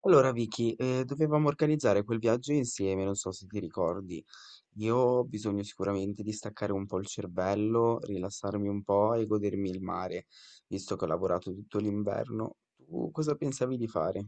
Allora Vicky, dovevamo organizzare quel viaggio insieme, non so se ti ricordi. Io ho bisogno sicuramente di staccare un po' il cervello, rilassarmi un po' e godermi il mare, visto che ho lavorato tutto l'inverno. Tu cosa pensavi di fare?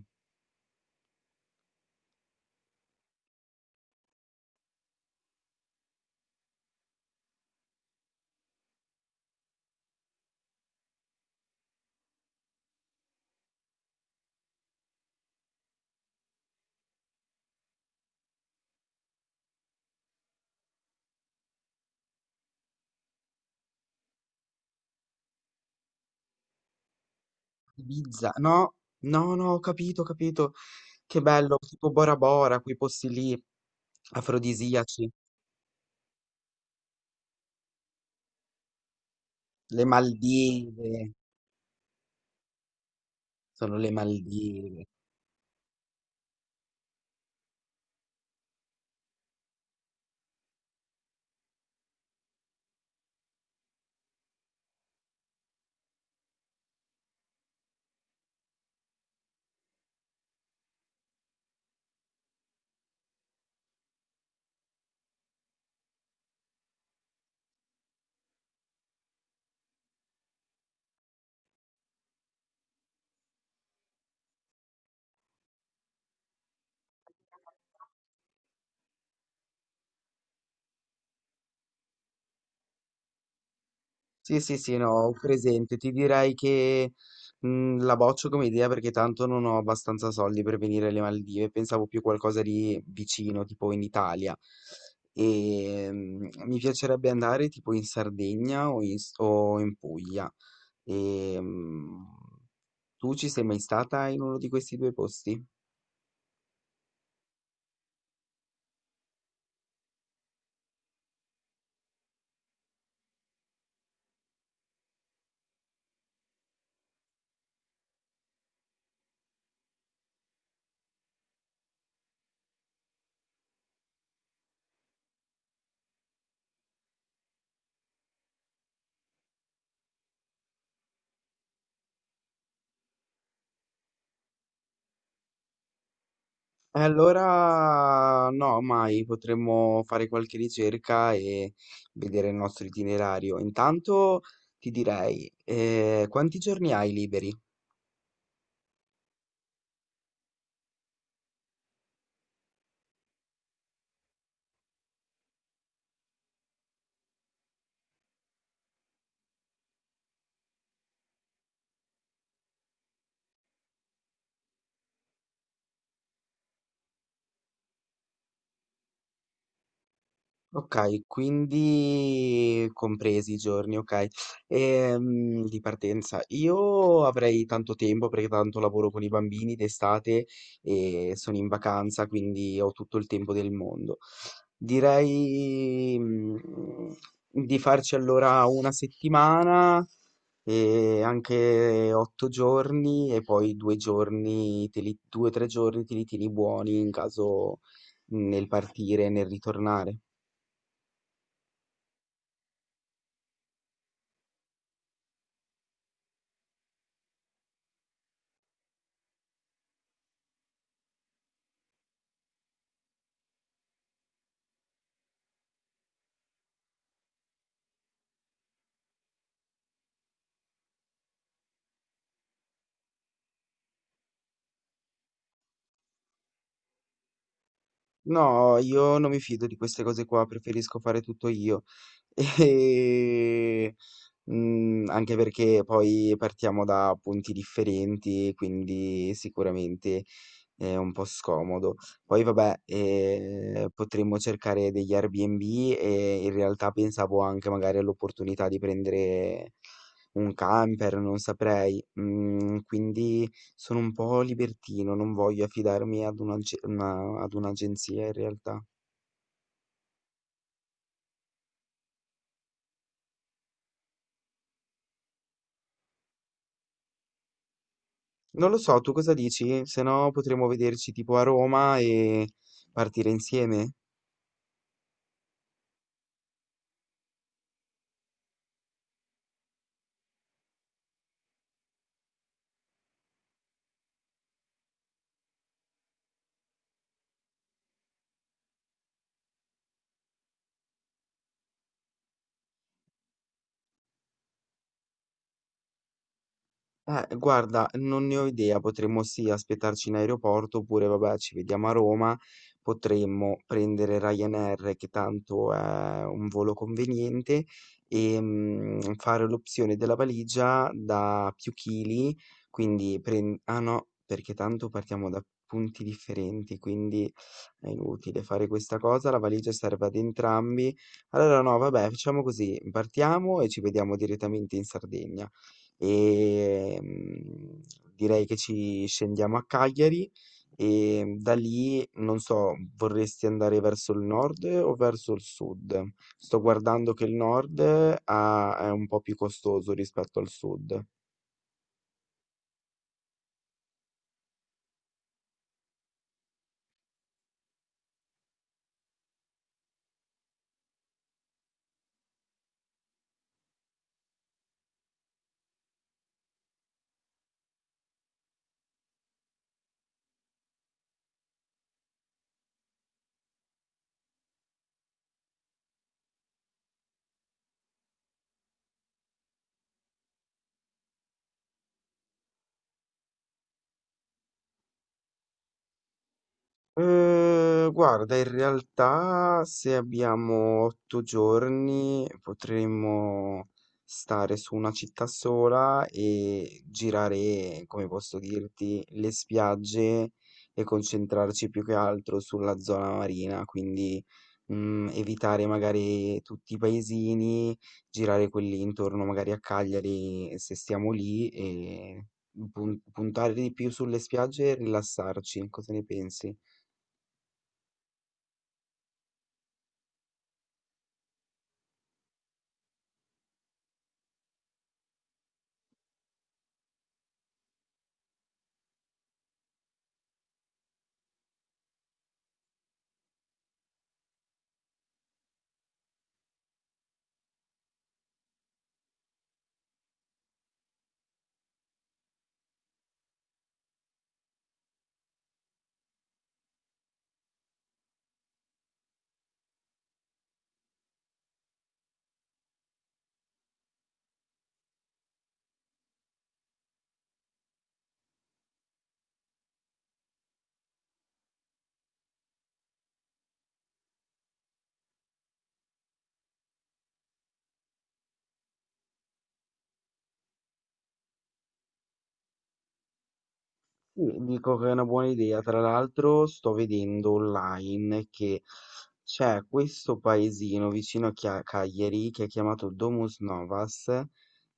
Ibiza? No, no, no, ho capito, ho capito. Che bello, tipo Bora Bora, quei posti lì, afrodisiaci. Le Maldive, sono le Maldive. Sì, sì, sì, no, ho presente. Ti direi che la boccio come idea perché tanto non ho abbastanza soldi per venire alle Maldive. Pensavo più qualcosa di vicino, tipo in Italia. E mi piacerebbe andare tipo in Sardegna o in, o in Puglia. E, tu ci sei mai stata in uno di questi due posti? Allora no, mai. Potremmo fare qualche ricerca e vedere il nostro itinerario. Intanto ti direi, quanti giorni hai liberi? Okay, quindi compresi i giorni, okay. Di partenza, io avrei tanto tempo perché tanto lavoro con i bambini d'estate e sono in vacanza, quindi ho tutto il tempo del mondo. Direi, di farci allora una settimana e anche 8 giorni e poi 2 o 3 giorni te li tieni buoni in caso, nel partire e nel ritornare. No, io non mi fido di queste cose qua, preferisco fare tutto io. E, anche perché poi partiamo da punti differenti, quindi sicuramente è un po' scomodo. Poi vabbè, potremmo cercare degli Airbnb e in realtà pensavo anche magari all'opportunità di prendere un camper, non saprei. Quindi sono un po' libertino, non voglio affidarmi ad un'agenzia in realtà. Non lo so, tu cosa dici? Se no potremmo vederci tipo a Roma e partire insieme. Guarda, non ne ho idea, potremmo sì aspettarci in aeroporto oppure vabbè ci vediamo a Roma, potremmo prendere Ryanair che tanto è un volo conveniente e fare l'opzione della valigia da più chili, quindi ah no, perché tanto partiamo da punti differenti, quindi è inutile fare questa cosa, la valigia serve ad entrambi. Allora no, vabbè, facciamo così, partiamo e ci vediamo direttamente in Sardegna. Ehm, Direi che ci scendiamo a Cagliari e da lì, non so, vorresti andare verso il nord o verso il sud? Sto guardando che il nord è un po' più costoso rispetto al sud. Guarda, in realtà se abbiamo 8 giorni potremmo stare su una città sola e girare, come posso dirti, le spiagge e concentrarci più che altro sulla zona marina, quindi, evitare magari tutti i paesini, girare quelli intorno magari a Cagliari se stiamo lì e puntare di più sulle spiagge e rilassarci. Cosa ne pensi? Sì, dico che è una buona idea. Tra l'altro sto vedendo online che c'è questo paesino vicino a Cagliari che è chiamato Domus Novas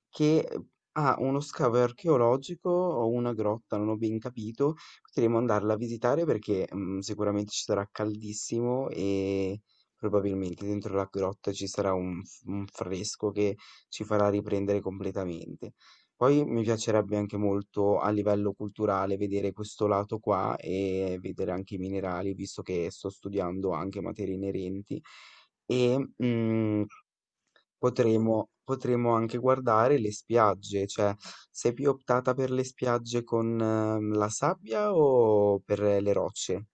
che, ha uno scavo archeologico o una grotta, non ho ben capito, potremmo andarla a visitare perché, sicuramente ci sarà caldissimo e probabilmente dentro la grotta ci sarà un fresco che ci farà riprendere completamente. Poi mi piacerebbe anche molto a livello culturale vedere questo lato qua e vedere anche i minerali, visto che sto studiando anche materie inerenti e, mhmm potremo anche guardare le spiagge, cioè sei più optata per le spiagge con la sabbia o per le rocce?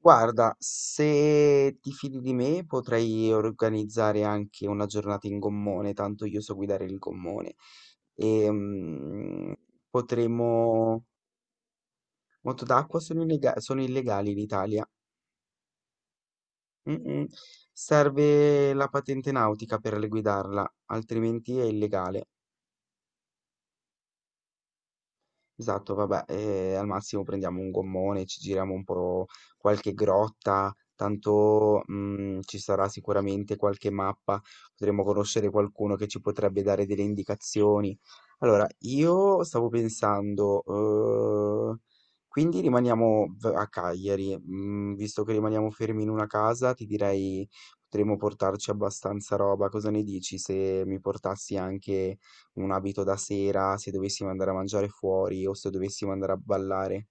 Guarda, se ti fidi di me potrei organizzare anche una giornata in gommone, tanto io so guidare il gommone. E, potremmo... Moto d'acqua sono illegali in Italia. Mm, mm. Serve la patente nautica per guidarla, altrimenti è illegale. Esatto, vabbè, e al massimo prendiamo un gommone, ci giriamo un po' qualche grotta, tanto ci sarà sicuramente qualche mappa, potremo conoscere qualcuno che ci potrebbe dare delle indicazioni. Allora, io stavo pensando, eh, quindi rimaniamo a Cagliari, visto che rimaniamo fermi in una casa, ti direi potremmo portarci abbastanza roba, cosa ne dici se mi portassi anche un abito da sera, se dovessimo andare a mangiare fuori o se dovessimo andare a ballare.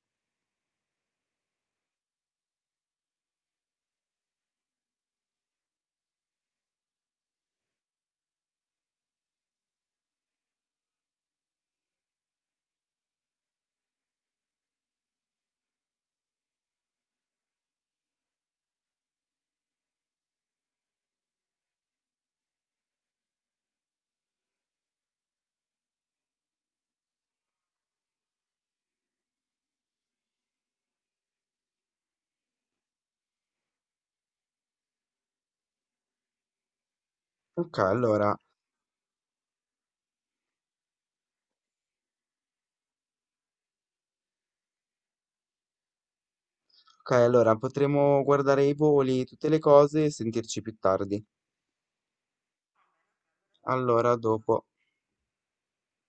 Ok, allora, ok, allora, potremo guardare i voli, tutte le cose e sentirci più tardi. Allora, dopo.